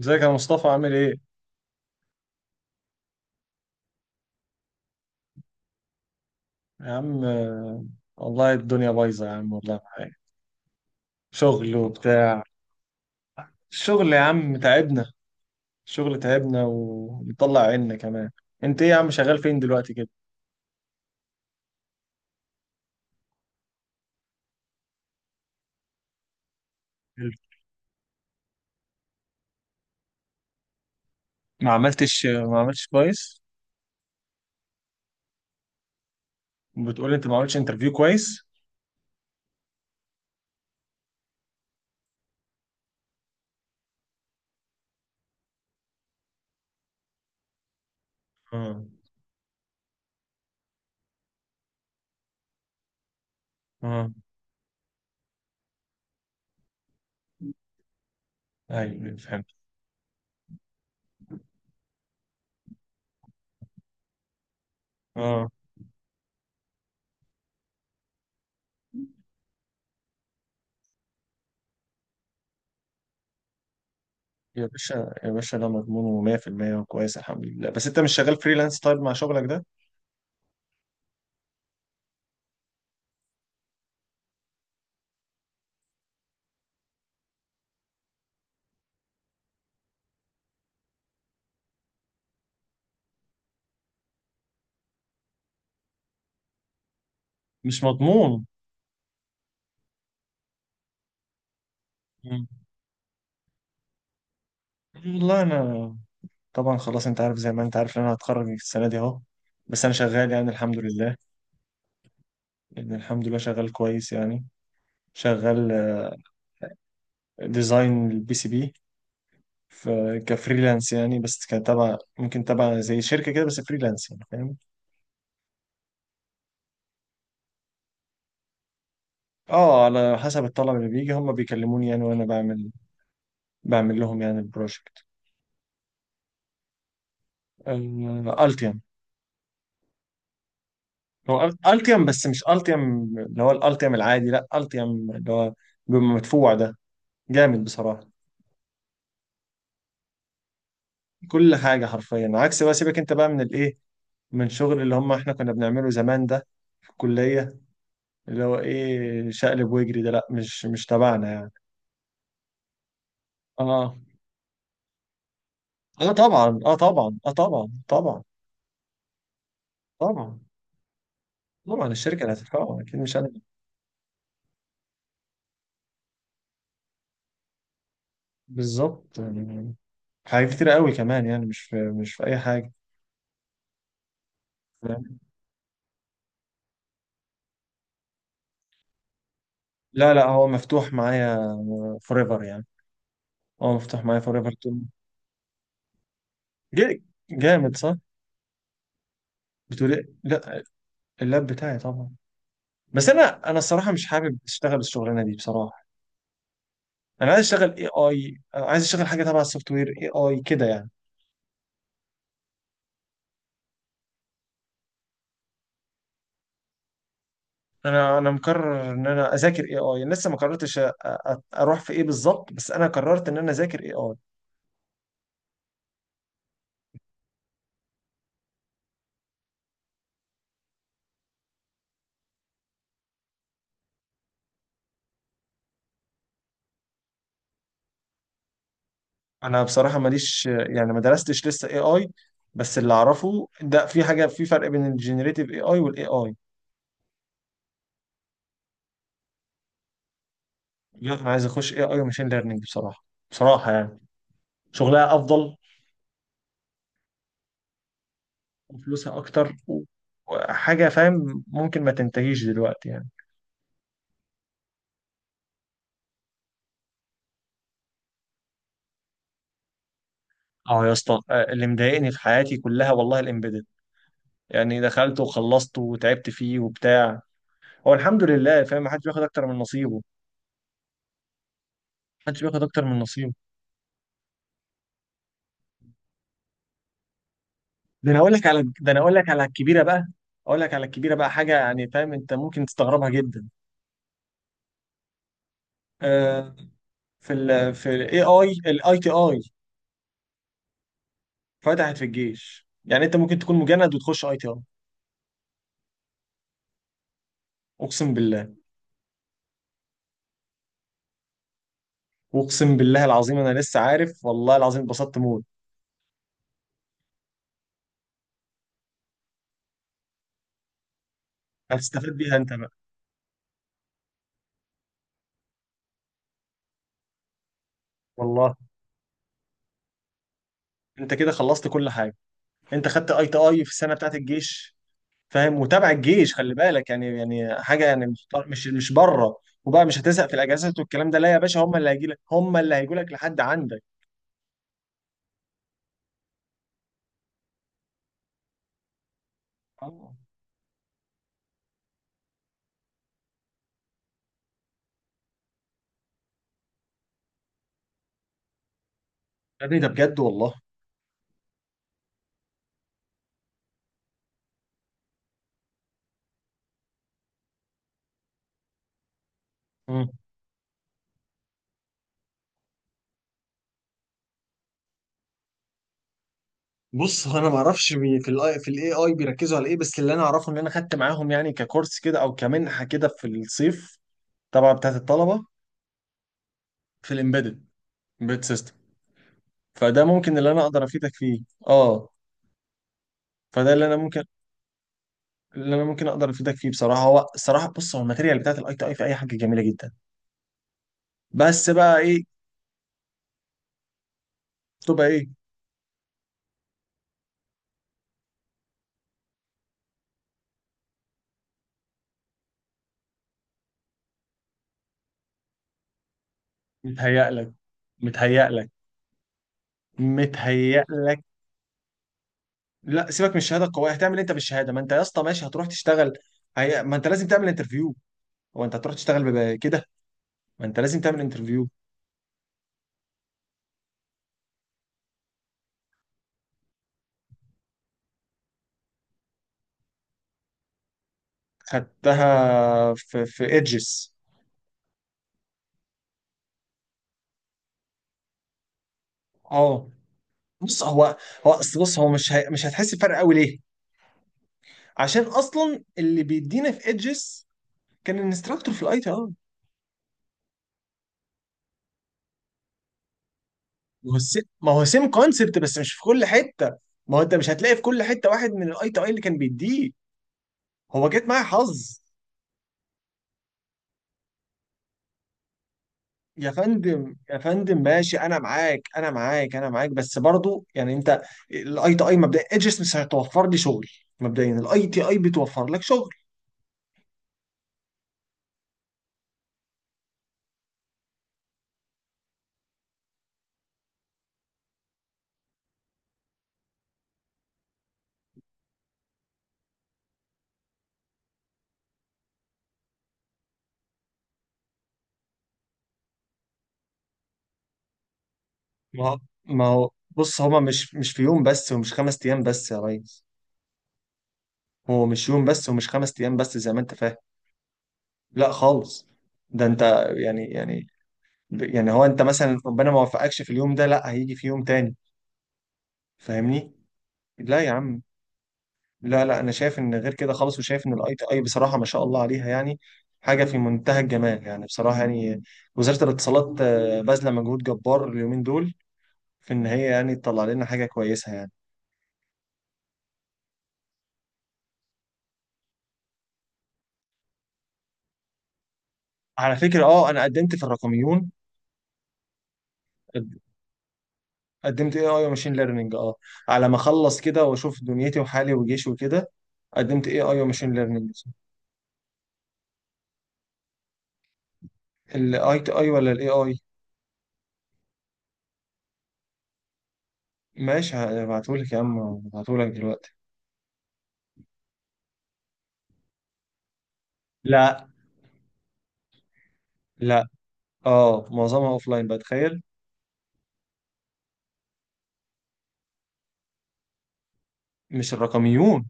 ازيك يا مصطفى؟ عامل ايه؟ يا عم والله الدنيا بايظة يا عم، والله معايا شغل وبتاع. الشغل يا عم تعبنا، الشغل تعبنا ومطلع عنا كمان. انت ايه يا عم؟ شغال فين دلوقتي كده؟ ما عملتش كويس؟ بتقول انت ما عملتش انترفيو كويس؟ اه، اه، ايوه فهمت. اه يا باشا يا باشا، ده مضمونه 100%، وكويس الحمد لله. بس انت مش شغال فريلانس طيب مع شغلك ده؟ مش مضمون. مم. والله انا، طبعا خلاص انت عارف، زي ما انت عارف ان انا هتخرج السنه دي اهو، بس انا شغال يعني الحمد لله، يعني الحمد لله شغال كويس يعني. شغال ديزاين البي سي بي. ف- كفريلانس يعني، بس كتبع، ممكن تبع زي شركه كده، بس فريلانس يعني، فاهم. اه على حسب الطلب اللي بيجي، هم بيكلموني يعني وانا بعمل، بعمل لهم يعني البروجكت. التيم. هو التيم بس مش التيم اللي هو الالتيم العادي، لا، التيم اللي هو بيبقى مدفوع ده، جامد بصراحه. كل حاجة حرفيا، عكس بقى سيبك انت بقى من الايه، من شغل اللي هم احنا كنا بنعمله زمان ده في الكلية. اللي هو ايه شقلب واجري ده، لا مش تبعنا يعني. اه، اه طبعا، اه طبعا، اه طبعا، طبعا، طبعا، طبعا. الشركة اللي هتدفعه اكيد مش انا، بالظبط يعني. حاجات كتير قوي كمان يعني، مش في، مش في اي حاجة، فاهم؟ لا لا، هو مفتوح معايا ايفر يعني. هو مفتوح معايا ايفر. جامد صح؟ بتقول ايه؟ لا، اللاب بتاعي طبعا. بس انا الصراحه مش حابب اشتغل الشغلانه دي بصراحه. انا عايز اشتغل اي اي، عايز اشتغل حاجه تبع السوفت وير اي اي كده يعني. انا مقرر ان انا اذاكر اي اي، لسه ما قررتش أ- أ- اروح في ايه بالظبط، بس انا قررت ان انا اذاكر اي اي. انا بصراحه ماليش يعني، ما درستش لسه اي اي، بس اللي اعرفه ده في حاجه، في فرق بين الجنريتيف اي اي والاي اي. لا انا عايز اخش اي اي وماشين ليرنينج بصراحه، بصراحه يعني. شغلها افضل، وفلوسها اكتر، وحاجه فاهم، ممكن ما تنتهيش دلوقتي يعني. اه يا اسطى، اللي مضايقني في حياتي كلها والله الامبيدد، يعني دخلت وخلصت وتعبت فيه وبتاع. هو الحمد لله، فاهم، محدش بياخد اكتر من نصيبه، محدش بياخد اكتر من نصيبه. ده انا اقول لك على، ده انا اقول لك على الكبيره بقى، اقول لك على الكبيره بقى، حاجه يعني فاهم انت ممكن تستغربها جدا. آه. في ال، في الاي اي، الاي تي اي فتحت في الجيش. يعني انت ممكن تكون مجند وتخش اي تي اي. اقسم بالله، اقسم بالله العظيم، انا لسه عارف والله العظيم، اتبسطت موت. هتستفاد بيها انت بقى، والله. انت كده خلصت كل حاجه. انت خدت اي تي اي في السنه بتاعت الجيش، فاهم، وتابع الجيش، خلي بالك يعني، يعني حاجه يعني مش بره. وبقى مش هتزهق في الاجازات والكلام ده، لا يا باشا، هم اللي هيجي لك، هم اللي هيجوا لك لحد عندك. اه، يا ابني ده بجد والله. مم. بص هو انا ما اعرفش في الاي، في الاي اي بيركزوا على ايه، بس اللي انا اعرفه ان انا خدت معاهم يعني ككورس كده، او كمنحه كده في الصيف، طبعا بتاعت الطلبه. في الامبيدد، امبيدد سيستم. فده ممكن اللي انا اقدر افيدك فيه. اه. فده اللي انا ممكن، اللي انا ممكن اقدر افيدك فيه بصراحه. هو الصراحه بص، هو الماتيريال بتاعت الاي تي اي في اي حاجه جميله جدا، بس بقى ايه. تبقى ايه. متهيأ لك، متهيأ لك، متهيأ لك. لا سيبك من الشهاده القويه، هتعمل إيه انت بالشهاده؟ ما انت يا اسطى ماشي هتروح تشتغل. ما انت لازم تعمل انترفيو. هو انت هتروح تشتغل كده، ما انت لازم تعمل انترفيو. خدتها في في ايدجز. اه. بص هو، هو اصل بص، هو مش مش هتحس بفرق قوي، ليه؟ عشان اصلا اللي بيدينا في ايدجز كان الانستراكتور في الاي تي اي. ما هو السيم، ما هو سيم كونسبت، بس مش في كل حته. ما هو انت مش هتلاقي في كل حته واحد من الاي تو اي اللي كان بيديه، هو جت معايا حظ. يا فندم يا فندم ماشي، انا معاك انا معاك انا معاك، بس برضو يعني انت، الاي تو اي مبدئيا ايجس مش هتوفر لي شغل، مبدئيا الاي تي اي بتوفر لك شغل. ما هو ما هو بص، هما مش، مش في يوم بس ومش خمس ايام بس يا ريس. هو مش يوم بس ومش خمس ايام بس زي ما انت فاهم، لا خالص. ده انت، يعني يعني يعني، هو انت مثلا ربنا ما وفقكش في اليوم ده، لا هيجي في يوم تاني، فاهمني؟ لا يا عم، لا لا، انا شايف ان غير كده خالص، وشايف ان الاي تي اي بصراحه ما شاء الله عليها يعني، حاجه في منتهى الجمال يعني بصراحه يعني. وزاره الاتصالات باذله مجهود جبار اليومين دول في ان هي يعني تطلع لنا حاجه كويسه يعني. على فكره اه انا قدمت في الرقميون. قد- قدمت اي اي وماشين ليرنينج، اه، على ما اخلص كده واشوف دنيتي وحالي وجيشي وكده. قدمت اي اي وماشين ليرنينج. الاي تي اي ولا الاي اي؟ ماشي هبعتهولك يا عم، هبعتهولك دلوقتي. لا، لا، اه معظمها اوف لاين بقى، تخيل. مش الرقميون؟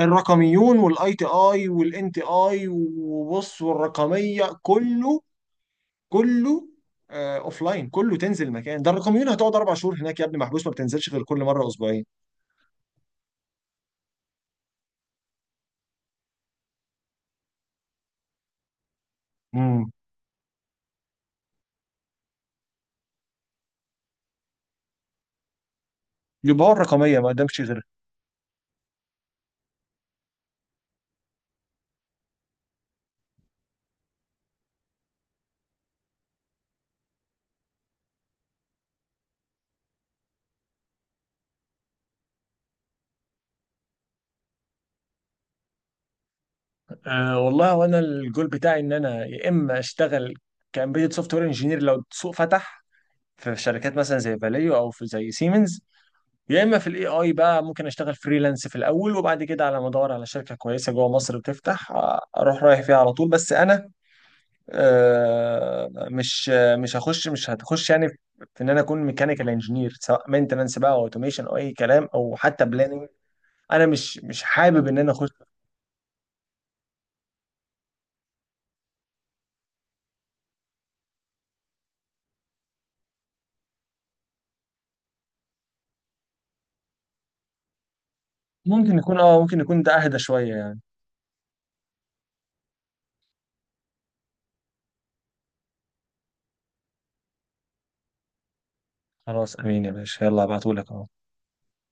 الرقميون والاي تي اي والان تي اي وبص والرقميه كله، كله اوف لاين. كله تنزل مكان. ده الرقميون هتقعد اربع شهور هناك يا ابني محبوس، ما بتنزلش غير كل مره اسبوعين. امم، يبقى هو الرقميه ما قدامش غيرها. أه والله، وانا الجول بتاعي ان انا يا اما اشتغل كامبيوتر سوفت وير انجينير لو السوق فتح في شركات مثلا زي فاليو او في زي سيمنز، يا اما في الاي اي بقى ممكن اشتغل فريلانس في الاول، وبعد كده على ما ادور على شركه كويسه جوه مصر بتفتح اروح رايح فيها على طول. بس انا مش هخش، مش هتخش يعني في، في ان انا اكون ميكانيكال انجينير، سواء مينتننس بقى او اوتوميشن او اي كلام، او حتى بلاننج. انا مش حابب ان انا اخش. ممكن يكون اه، ممكن يكون ده اهدى شويه يعني. خلاص، امين يا باشا، يلا ابعتهولك اهو.